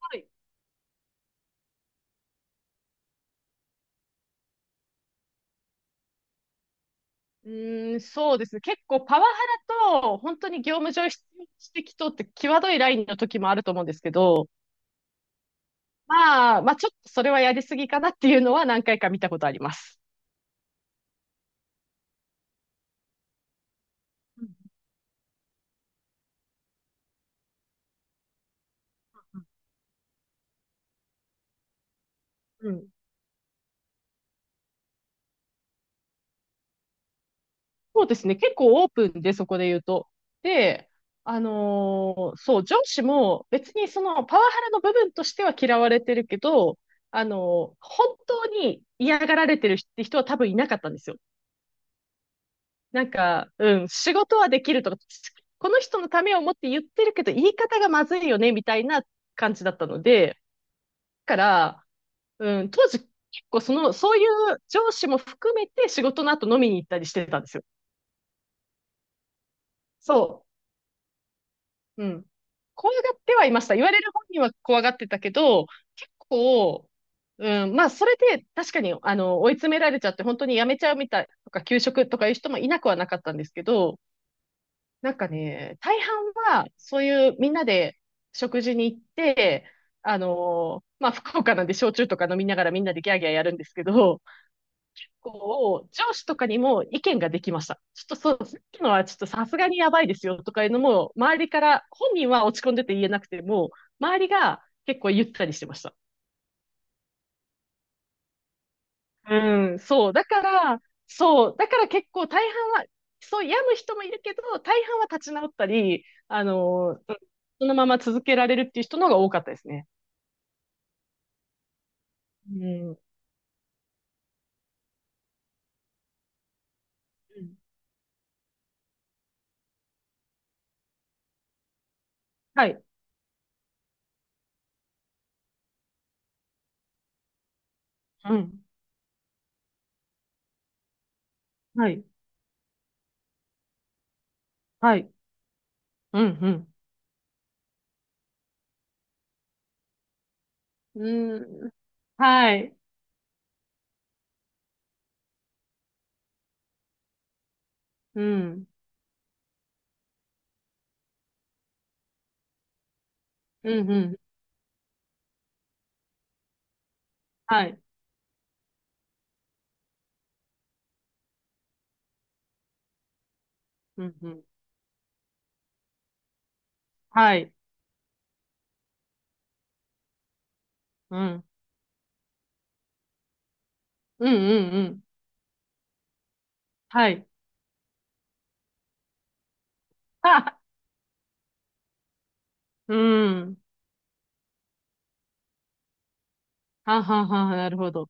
はい。うーん、そうですね。結構パワハラと、本当に業務上必要指摘とって際どいラインの時もあると思うんですけど、まあちょっとそれはやりすぎかなっていうのは何回か見たことあります。うんうんうん。そうですね。結構オープンで、そこで言うと。で、そう、上司も別にそのパワハラの部分としては嫌われてるけど、本当に嫌がられてるって人は多分いなかったんですよ。なんか、うん、仕事はできるとか、この人のためを思って言ってるけど、言い方がまずいよね、みたいな感じだったので、だから、うん、当時、結構その、そういう上司も含めて仕事の後飲みに行ったりしてたんですよ。そう。うん。怖がってはいました。言われる本人は怖がってたけど、結構、うん、まあ、それで確かに、追い詰められちゃって、本当に辞めちゃうみたいとか、休職とかいう人もいなくはなかったんですけど、なんかね、大半は、そういうみんなで食事に行って、まあ、福岡なんで焼酎とか飲みながらみんなでギャーギャーやるんですけど、こう、上司とかにも意見ができました。ちょっとそう、さっきのはちょっとさすがにやばいですよとかいうのも、周りから、本人は落ち込んでて言えなくても、周りが結構言ったりしてました。うん、そう。だから、そう。だから結構大半は、そう、病む人もいるけど、大半は立ち直ったり、そのまま続けられるっていう人の方が多かったですね。うん。うんはい。うん。はい。はい。うん、うん。うん。はい。うん。うん、うん。はい。うん、うん。はい。うん。うん、うん、うん。はい。あ、うん。ははは、なるほど。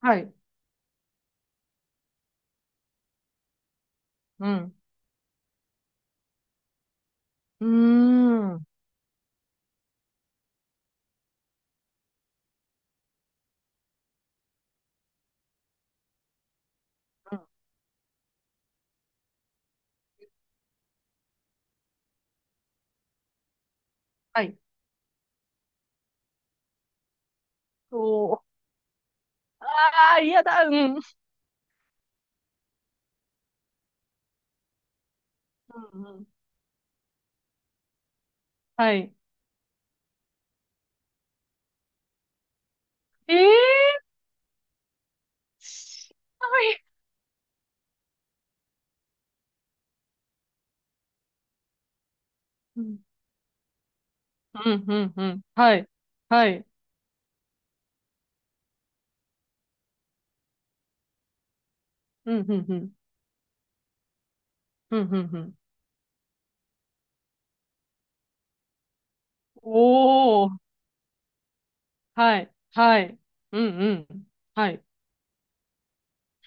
はい。うん。うーん。うんはいはいうんうんうんはいうんうんうんはいうんうんはいうんうんうんうんはいあうんはははなるほどはいうんうーんうはいああ、嫌だ、うん。うんうん。はい。ええしはい。うん、うん、うん、うん。はい。はい。うん、うん、うん。うん、うん、うん。おー。はい。はい。うん、うん。はい。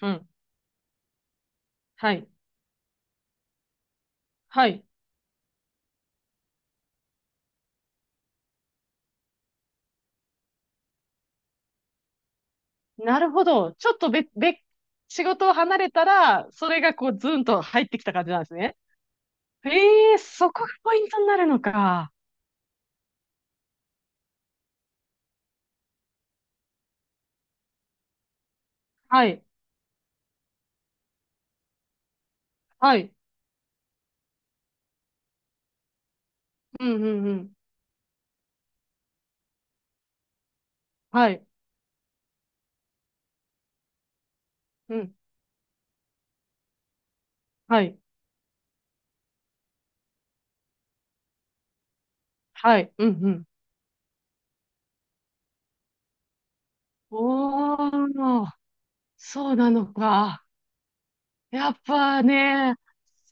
うん。はい。はい。なるほど。ちょっとべ、べ、仕事を離れたら、それがこう、ズンと入ってきた感じなんですね。ええそこがポイントになるのか。はい。はい。うん、うん、うん。はい。うん。はい。はい。うん、うん。おー、そうなのか。やっぱね、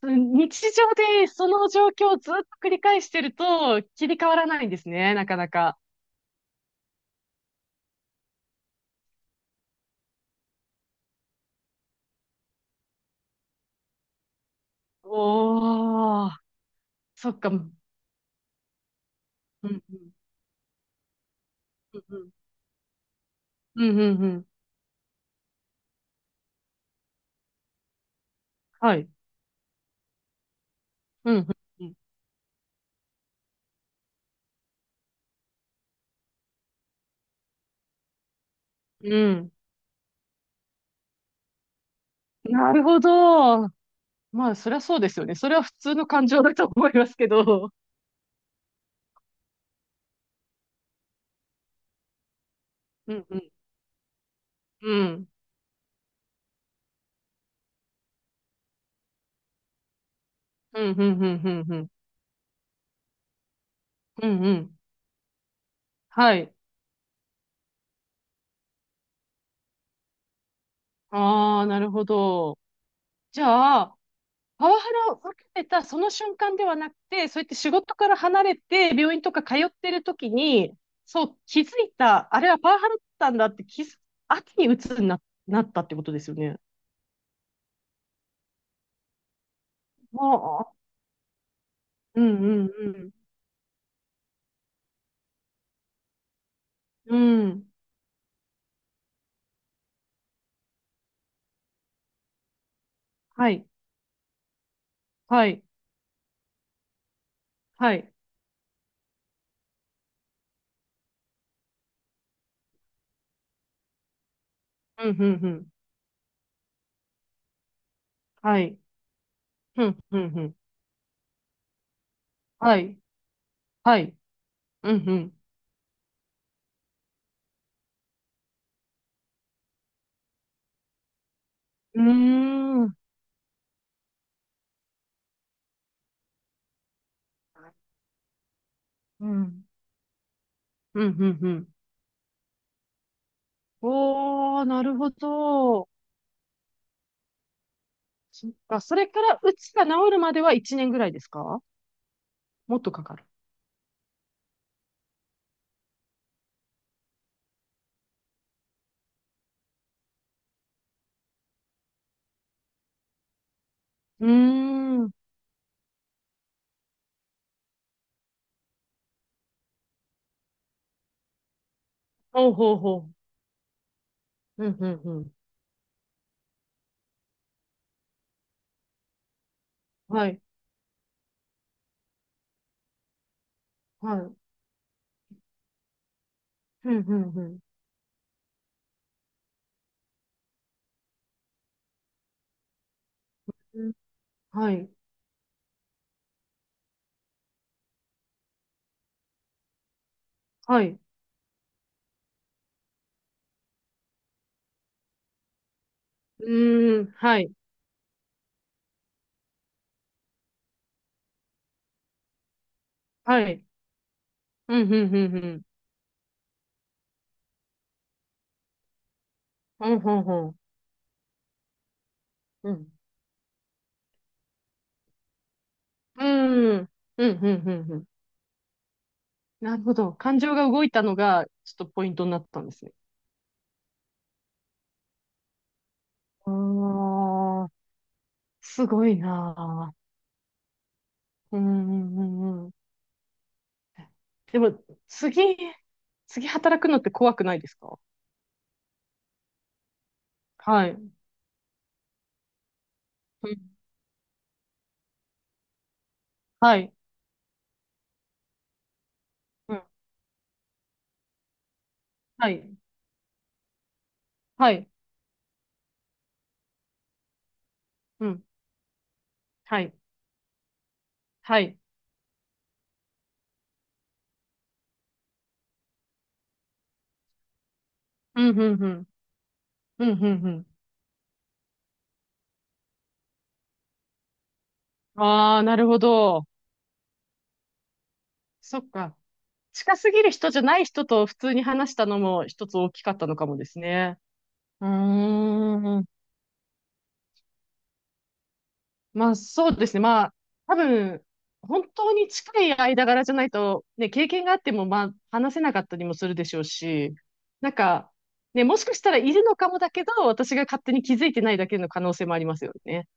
日常でその状況をずっと繰り返してると切り替わらないんですね、なかなか。おー、そっか。うん、うん、うん、うん、うん、うん。はい。うん、うん、うん。うんなるほど。まあ、そりゃそうですよね。それは普通の感情だと思いますけど。うん、うん、うん、うん、うん、うん、うん、うん、うん。うんはい。ああ、なるほど。じゃあ、パワハラを受けてたその瞬間ではなくて、そうやって仕事から離れて、病院とか通ってる時に、そう、気づいた、あれはパワハラだったんだって気づく、後に鬱になったってことですよね。ああ、うんうんうん。うん。はい、はい、はい。うん、うん、うん。はい。うん、うん、うん。はい、はい。うん、うん。うーん。うん、うん、うん、うん。おー、なるほど。そっか、それからうつが治るまでは1年ぐらいですか？もっとかかる？うーん。ほうほうほう。うん、うん、うん。はい、はい。うん、うん、うん。うんはい、はい。うーん、はい、はい。うん、うん、うん、うん。ほうほうほう。うん。うーん。うん、うん、うん、うん。なるほど。感情が動いたのが、ちょっとポイントになったんですね。ああ、すごいなあ。うん、うん、うん、うん。でも、次、次働くのって怖くないですか？はい。うん。はい。うん。はい。はい。うん。はい。はい。うん、うん、うん。うん、うん、うん。ああ、なるほど。そっか。近すぎる人じゃない人と普通に話したのも一つ大きかったのかもですね。うーん。まあそうですね。まあ多分、本当に近い間柄じゃないと、ね、経験があってもまあ話せなかったりもするでしょうし、なんか、ね、もしかしたらいるのかもだけど、私が勝手に気づいてないだけの可能性もありますよね。